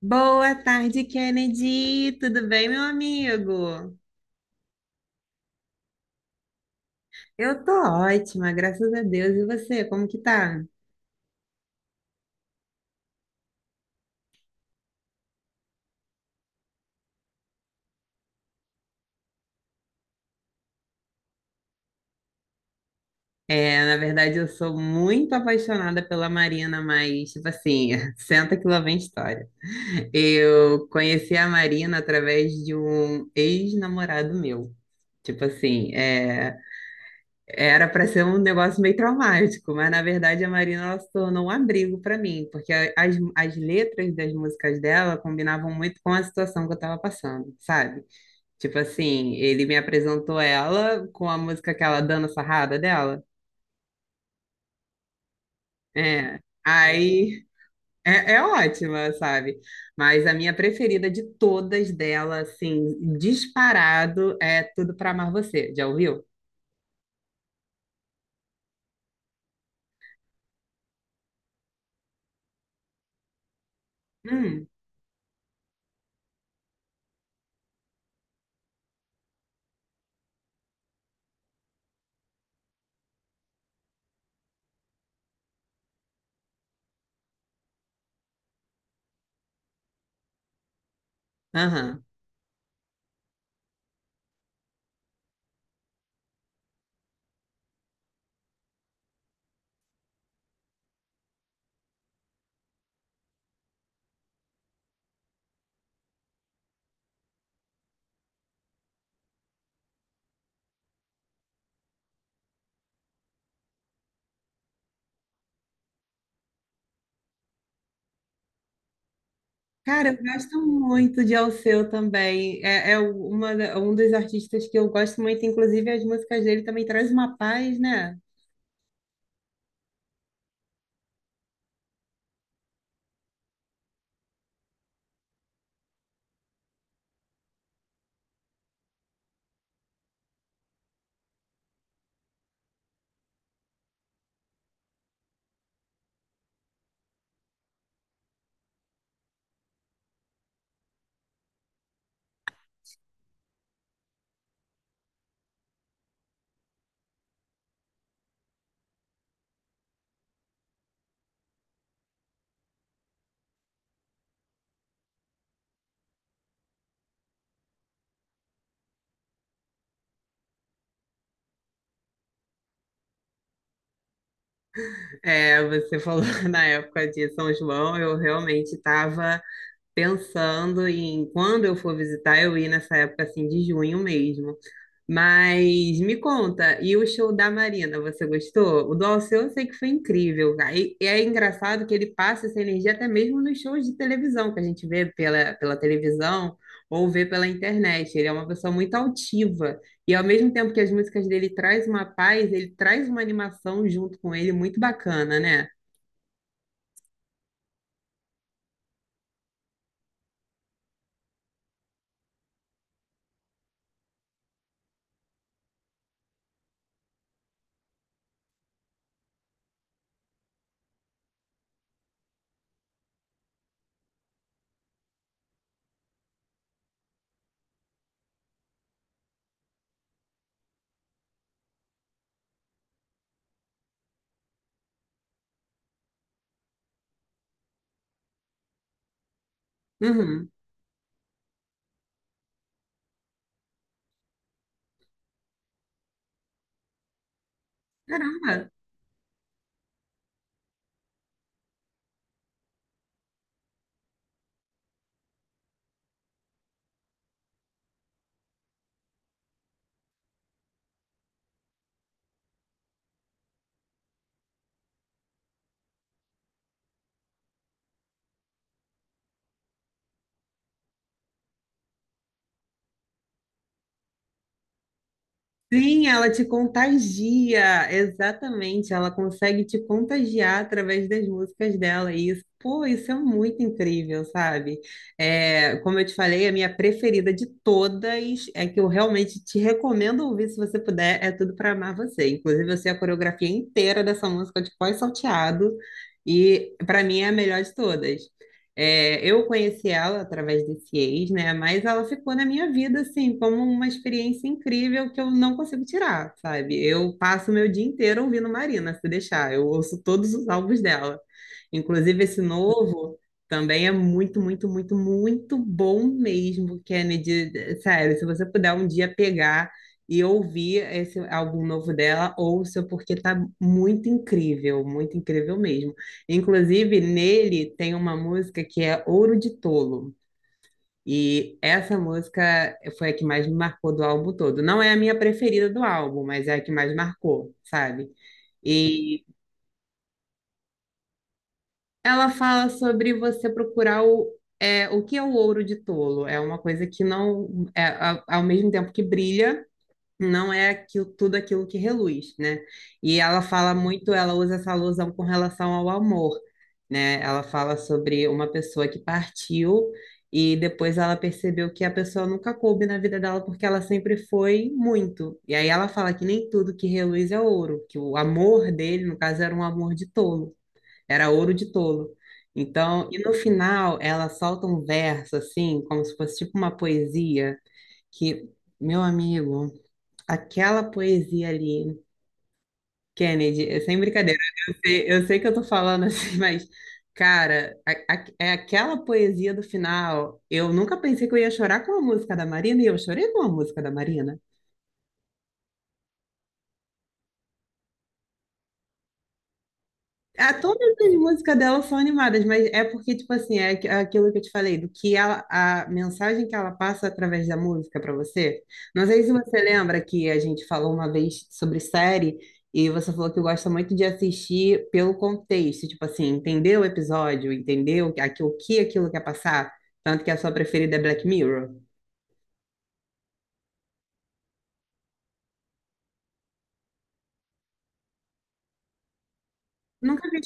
Boa tarde, Kennedy. Tudo bem, meu amigo? Eu tô ótima, graças a Deus. E você, como que tá? É, na verdade, eu sou muito apaixonada pela Marina, mas, tipo assim, senta que lá vem história. Eu conheci a Marina através de um ex-namorado meu. Tipo assim, é. Era para ser um negócio meio traumático, mas na verdade a Marina ela se tornou um abrigo para mim, porque as letras das músicas dela combinavam muito com a situação que eu estava passando, sabe? Tipo assim, ele me apresentou ela com a música que ela Dana Sarrada dela. É. Aí é, é ótima, sabe? Mas a minha preferida de todas dela, assim, disparado, é Tudo Pra Amar Você. Já ouviu? Hum, aham. Cara, eu gosto muito de Alceu também. É, é uma, um dos artistas que eu gosto muito, inclusive as músicas dele também traz uma paz, né? É, você falou na época de São João, eu realmente estava pensando em quando eu for visitar, eu ir nessa época assim de junho mesmo. Mas me conta, e o show da Marina, você gostou? O do Alceu eu sei que foi incrível, cara. E é engraçado que ele passa essa energia até mesmo nos shows de televisão, que a gente vê pela televisão ou vê pela internet. Ele é uma pessoa muito altiva. E ao mesmo tempo que as músicas dele traz uma paz, ele traz uma animação junto com ele muito bacana, né? Uhum. Caramba! Sim, ela te contagia, exatamente. Ela consegue te contagiar através das músicas dela. E isso, pô, isso é muito incrível, sabe? É, como eu te falei, a minha preferida de todas é que eu realmente te recomendo ouvir se você puder. É tudo para amar você. Inclusive, eu sei a coreografia inteira dessa música de pós-salteado. E para mim é a melhor de todas. É, eu conheci ela através desse ex, né? Mas ela ficou na minha vida, assim, como uma experiência incrível que eu não consigo tirar, sabe? Eu passo meu dia inteiro ouvindo Marina, se deixar. Eu ouço todos os álbuns dela. Inclusive, esse novo também é muito, muito, muito, muito bom mesmo, Kennedy. Sério, se você puder um dia pegar e ouvir esse álbum novo dela, ouça, porque tá muito incrível mesmo. Inclusive, nele tem uma música que é Ouro de Tolo. E essa música foi a que mais me marcou do álbum todo. Não é a minha preferida do álbum, mas é a que mais marcou, sabe? E ela fala sobre você procurar é, o que é o ouro de tolo. É uma coisa que não é ao mesmo tempo que brilha. Não é aquilo, tudo aquilo que reluz, né? E ela fala muito, ela usa essa alusão com relação ao amor, né? Ela fala sobre uma pessoa que partiu e depois ela percebeu que a pessoa nunca coube na vida dela porque ela sempre foi muito. E aí ela fala que nem tudo que reluz é ouro, que o amor dele, no caso, era um amor de tolo, era ouro de tolo. Então, e no final ela solta um verso assim, como se fosse tipo uma poesia, que, meu amigo, aquela poesia ali, Kennedy, é sem brincadeira. Eu sei que eu tô falando assim, mas, cara, é aquela poesia do final. Eu nunca pensei que eu ia chorar com a música da Marina e eu chorei com a música da Marina. Ah, todas as músicas dela são animadas, mas é porque, tipo assim, é aquilo que eu te falei, do que ela, a mensagem que ela passa através da música para você. Não sei se você lembra que a gente falou uma vez sobre série e você falou que gosta muito de assistir pelo contexto, tipo assim, entendeu o episódio, entendeu o que aquilo quer passar, tanto que a sua preferida é Black Mirror. Nunca vi.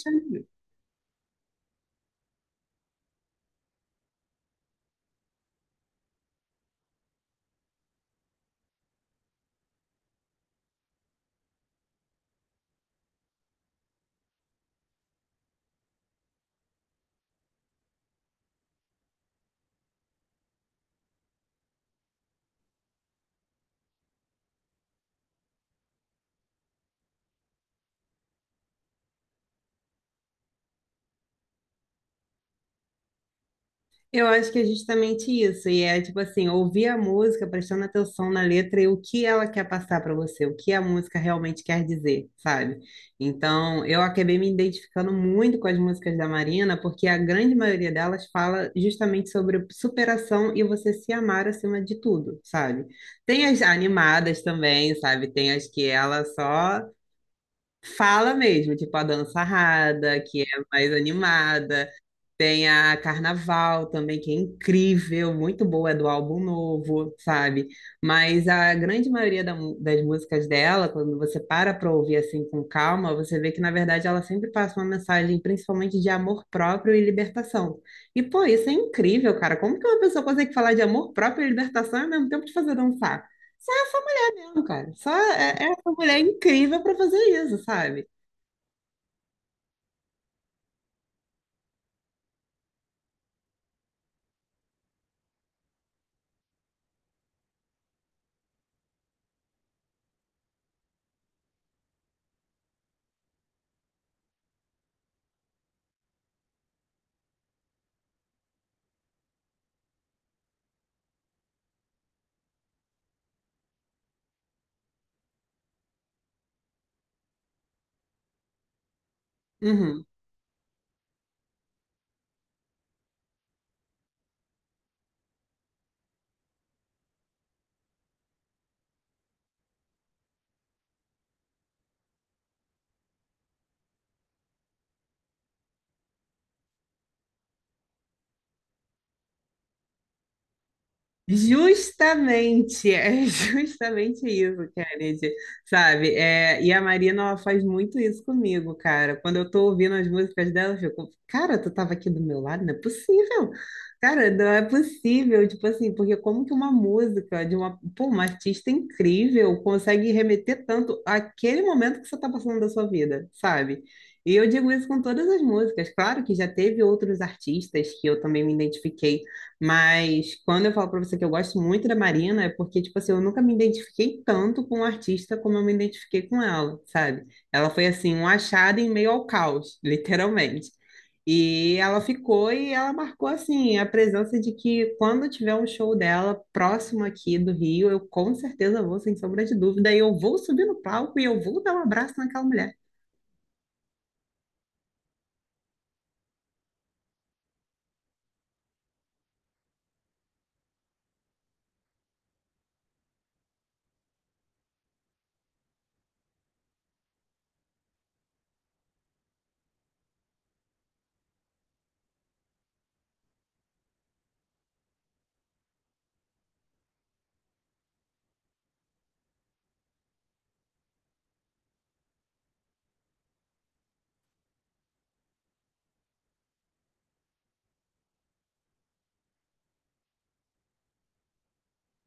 Eu acho que é justamente isso, e é tipo assim, ouvir a música, prestando atenção na letra e o que ela quer passar para você, o que a música realmente quer dizer, sabe? Então, eu acabei me identificando muito com as músicas da Marina, porque a grande maioria delas fala justamente sobre superação e você se amar acima de tudo, sabe? Tem as animadas também, sabe? Tem as que ela só fala mesmo, tipo a dança rada, que é mais animada, tem a Carnaval também, que é incrível, muito boa, é do álbum novo, sabe? Mas a grande maioria da das músicas dela, quando você para para ouvir assim com calma, você vê que na verdade ela sempre passa uma mensagem principalmente de amor próprio e libertação. E pô, isso é incrível, cara. Como que uma pessoa consegue falar de amor próprio e libertação e ao mesmo tempo te fazer dançar? Só essa mulher, cara. Só essa mulher é incrível para fazer isso, sabe? Uhum. Justamente, é justamente isso, Kennedy, sabe? É, e a Marina, ela faz muito isso comigo, cara. Quando eu tô ouvindo as músicas dela, eu fico, cara, tu tava aqui do meu lado? Não é possível. Cara, não é possível, tipo assim, porque como que uma música de uma, pô, uma artista incrível consegue remeter tanto àquele momento que você tá passando da sua vida, sabe? E eu digo isso com todas as músicas. Claro que já teve outros artistas que eu também me identifiquei, mas quando eu falo pra você que eu gosto muito da Marina, é porque, tipo assim, eu nunca me identifiquei tanto com o artista como eu me identifiquei com ela, sabe? Ela foi, assim, um achado em meio ao caos, literalmente. E ela ficou e ela marcou, assim, a presença de que quando tiver um show dela próximo aqui do Rio, eu com certeza vou, sem sombra de dúvida, e eu vou subir no palco e eu vou dar um abraço naquela mulher.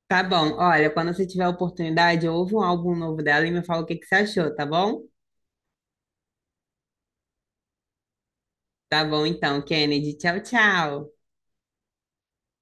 Tá bom, olha, quando você tiver a oportunidade, ouve um álbum novo dela e me fala o que que você achou, tá bom? Tá bom então, Kennedy. Tchau, tchau.